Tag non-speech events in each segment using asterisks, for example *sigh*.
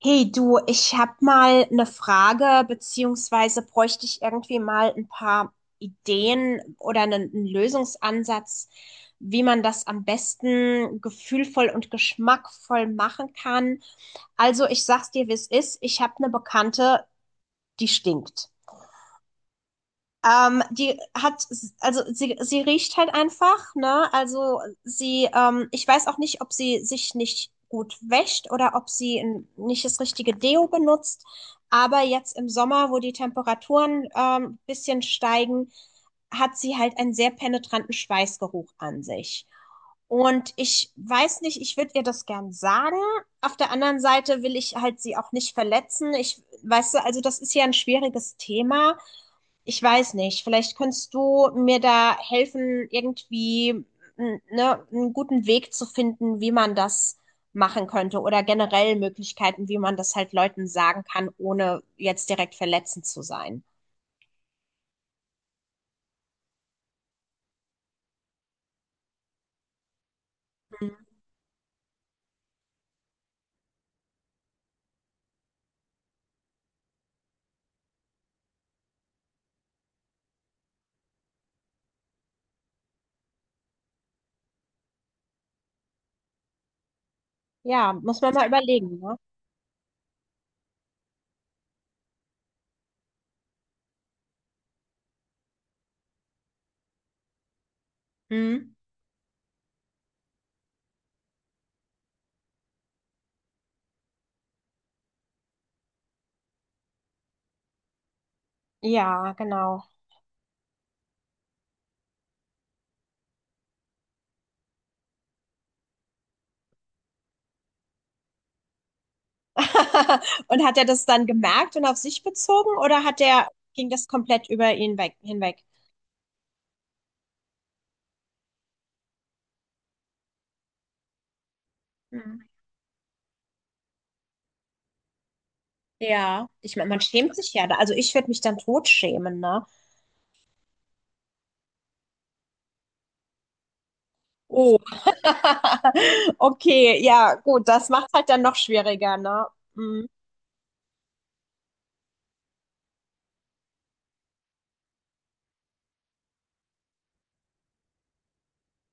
Hey du, ich habe mal eine Frage, beziehungsweise bräuchte ich irgendwie mal ein paar Ideen oder einen Lösungsansatz, wie man das am besten gefühlvoll und geschmackvoll machen kann. Also ich sag's dir, wie es ist. Ich habe eine Bekannte, die stinkt. Die hat, also sie riecht halt einfach, ne? Also sie, ich weiß auch nicht, ob sie sich nicht gut wäscht oder ob sie nicht das richtige Deo benutzt. Aber jetzt im Sommer, wo die Temperaturen ein bisschen steigen, hat sie halt einen sehr penetranten Schweißgeruch an sich. Und ich weiß nicht, ich würde ihr das gern sagen. Auf der anderen Seite will ich halt sie auch nicht verletzen. Ich, weißt du, also das ist ja ein schwieriges Thema. Ich weiß nicht, vielleicht kannst du mir da helfen, irgendwie ne, einen guten Weg zu finden, wie man das machen könnte oder generell Möglichkeiten, wie man das halt Leuten sagen kann, ohne jetzt direkt verletzend zu sein. Ja, muss man mal überlegen, ne? Hm? Ja, genau. *laughs* Und hat er das dann gemerkt und auf sich bezogen oder hat er, ging das komplett über ihn weg, hinweg? Hm. Ja, ich meine, man schämt sich ja da. Also ich würde mich dann tot schämen, ne? Oh. *laughs* Okay, ja, gut, das macht halt dann noch schwieriger, ne? Mhm.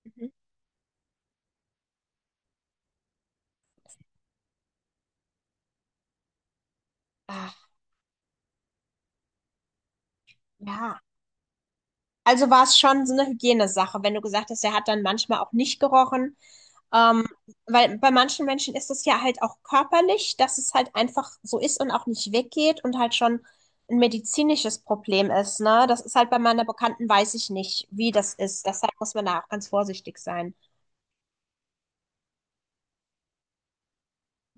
Mhm. Ach, ja. Also war es schon so eine Hygienesache, wenn du gesagt hast, er hat dann manchmal auch nicht gerochen. Ähm, weil bei manchen Menschen ist es ja halt auch körperlich, dass es halt einfach so ist und auch nicht weggeht und halt schon ein medizinisches Problem ist, ne? Das ist halt bei meiner Bekannten, weiß ich nicht, wie das ist. Deshalb muss man da auch ganz vorsichtig sein.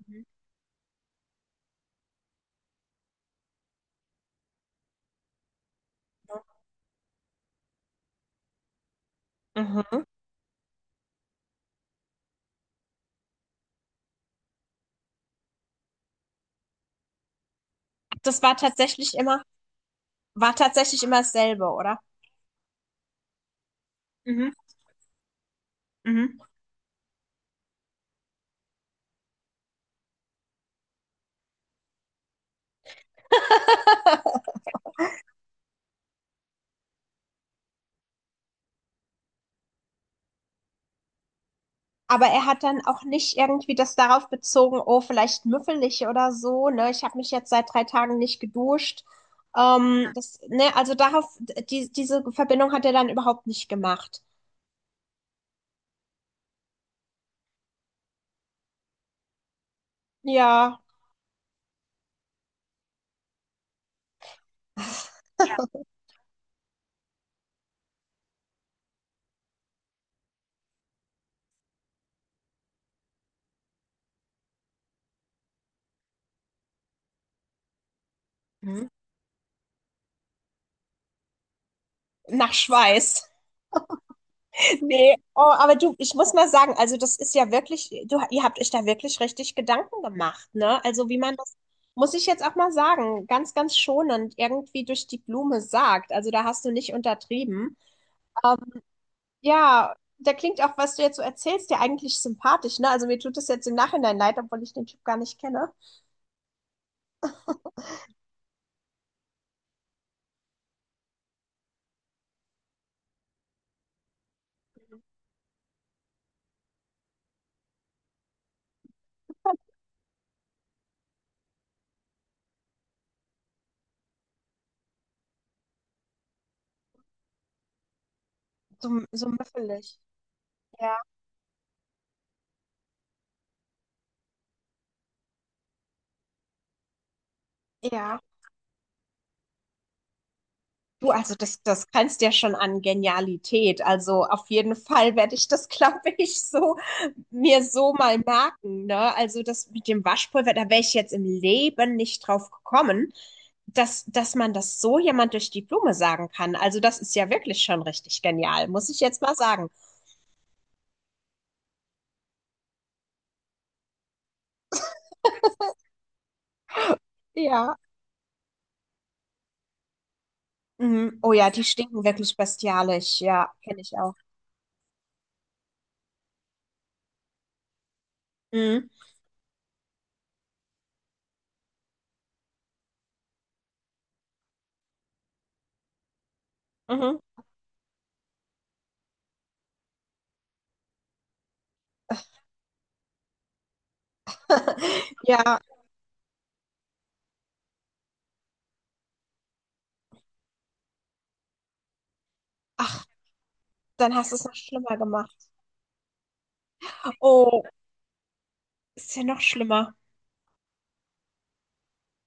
Mhm. Mhm. Das war tatsächlich immer dasselbe, oder? Mhm. Mhm. *laughs* Aber er hat dann auch nicht irgendwie das darauf bezogen, oh, vielleicht müffel ich oder so, ne? Ich habe mich jetzt seit drei Tagen nicht geduscht. Das, ne, also darauf, diese Verbindung hat er dann überhaupt nicht gemacht. Ja, mhm. Nach Schweiß. Nee, oh, aber du, ich muss mal sagen, also das ist ja wirklich, du, ihr habt euch da wirklich richtig Gedanken gemacht, ne? Also wie man das, muss ich jetzt auch mal sagen, ganz, ganz schonend irgendwie durch die Blume sagt. Also da hast du nicht untertrieben. Ähm, ja, da klingt auch, was du jetzt so erzählst, ja eigentlich sympathisch, ne? Also mir tut es jetzt im Nachhinein leid, obwohl ich den Typ gar nicht kenne. So, so müffelig. Ja, ja. Du, also das grenzt ja schon an Genialität. Also auf jeden Fall werde ich das, *laughs* glaube ich, so mir so mal merken, ne? Also das mit dem Waschpulver, da wäre ich jetzt im Leben nicht drauf gekommen, dass man das so jemand durch die Blume sagen kann. Also das ist ja wirklich schon richtig genial, muss ich jetzt mal sagen. Ja. Mhm. Oh ja, die stinken wirklich bestialisch. Ja, kenne ich auch. Mhm. Mhm. *laughs* Ja, ach, dann hast du es noch schlimmer gemacht. Oh, ist ja noch schlimmer.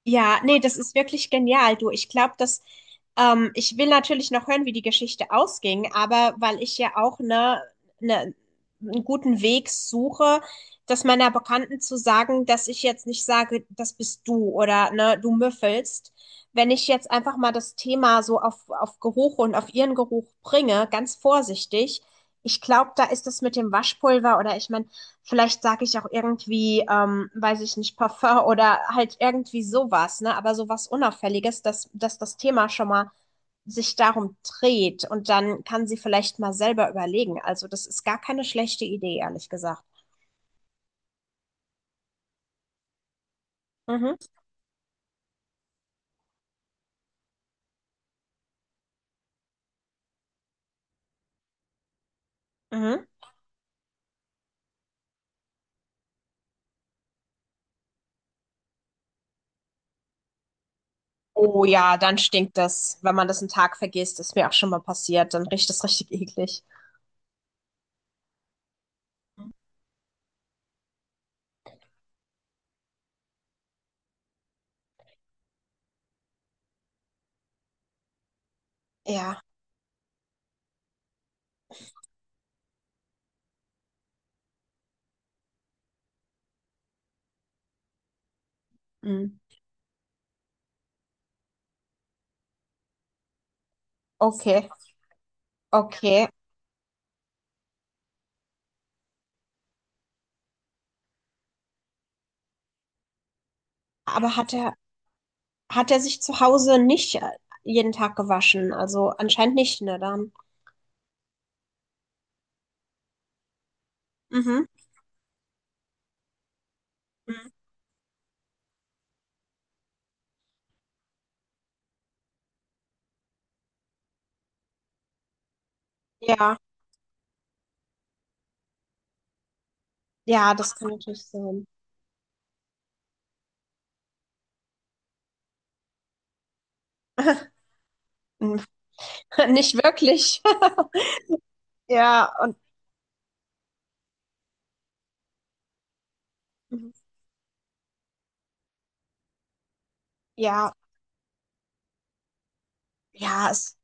Ja, nee, das ist wirklich genial, du. Ich glaube, dass ich will natürlich noch hören, wie die Geschichte ausging, aber weil ich ja auch ne, einen guten Weg suche, das meiner Bekannten zu sagen, dass ich jetzt nicht sage, das bist du oder ne, du müffelst. Wenn ich jetzt einfach mal das Thema so auf Geruch und auf ihren Geruch bringe, ganz vorsichtig, ich glaube, da ist das mit dem Waschpulver oder ich meine, vielleicht sage ich auch irgendwie, weiß ich nicht, Parfum oder halt irgendwie sowas, ne? Aber sowas Unauffälliges, dass das Thema schon mal sich darum dreht und dann kann sie vielleicht mal selber überlegen. Also das ist gar keine schlechte Idee, ehrlich gesagt. Mhm, mhm. Oh ja, dann stinkt das, wenn man das einen Tag vergisst, ist mir auch schon mal passiert, dann riecht das richtig eklig. Ja, mhm. Okay, okay. Aber hat er sich zu Hause nicht jeden Tag gewaschen. Also anscheinend nicht, ne, dann. Mhm. Mhm. Ja, ja, das kann natürlich sein. *laughs* Nicht wirklich. *laughs* Ja, und ja, ja, es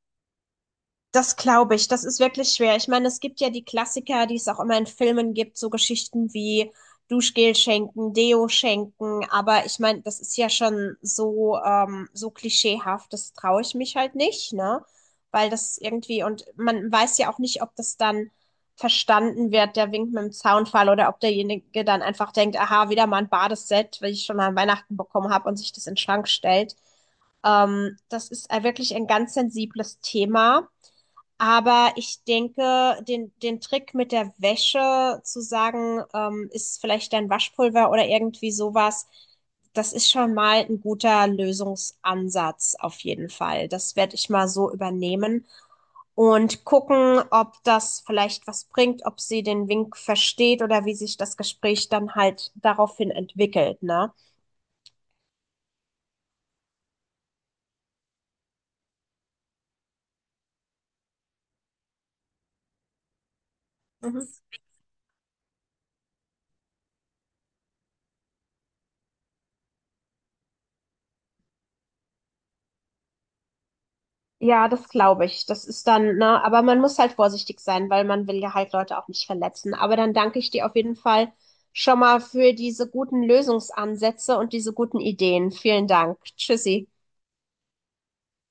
das glaube ich, das ist wirklich schwer. Ich meine, es gibt ja die Klassiker, die es auch immer in Filmen gibt, so Geschichten wie Duschgel schenken, Deo schenken, aber ich meine, das ist ja schon so, so klischeehaft, das traue ich mich halt nicht, ne? Weil das irgendwie, und man weiß ja auch nicht, ob das dann verstanden wird, der Wink mit dem Zaunfall, oder ob derjenige dann einfach denkt, aha, wieder mal ein Badeset, weil ich schon an Weihnachten bekommen habe und sich das in den Schrank stellt. Das ist wirklich ein ganz sensibles Thema. Aber ich denke, den Trick mit der Wäsche zu sagen, ist vielleicht dein Waschpulver oder irgendwie sowas, das ist schon mal ein guter Lösungsansatz auf jeden Fall. Das werde ich mal so übernehmen und gucken, ob das vielleicht was bringt, ob sie den Wink versteht oder wie sich das Gespräch dann halt daraufhin entwickelt, ne? Mhm. Ja, das glaube ich. Das ist dann, ne, aber man muss halt vorsichtig sein, weil man will ja halt Leute auch nicht verletzen. Aber dann danke ich dir auf jeden Fall schon mal für diese guten Lösungsansätze und diese guten Ideen. Vielen Dank. Tschüssi.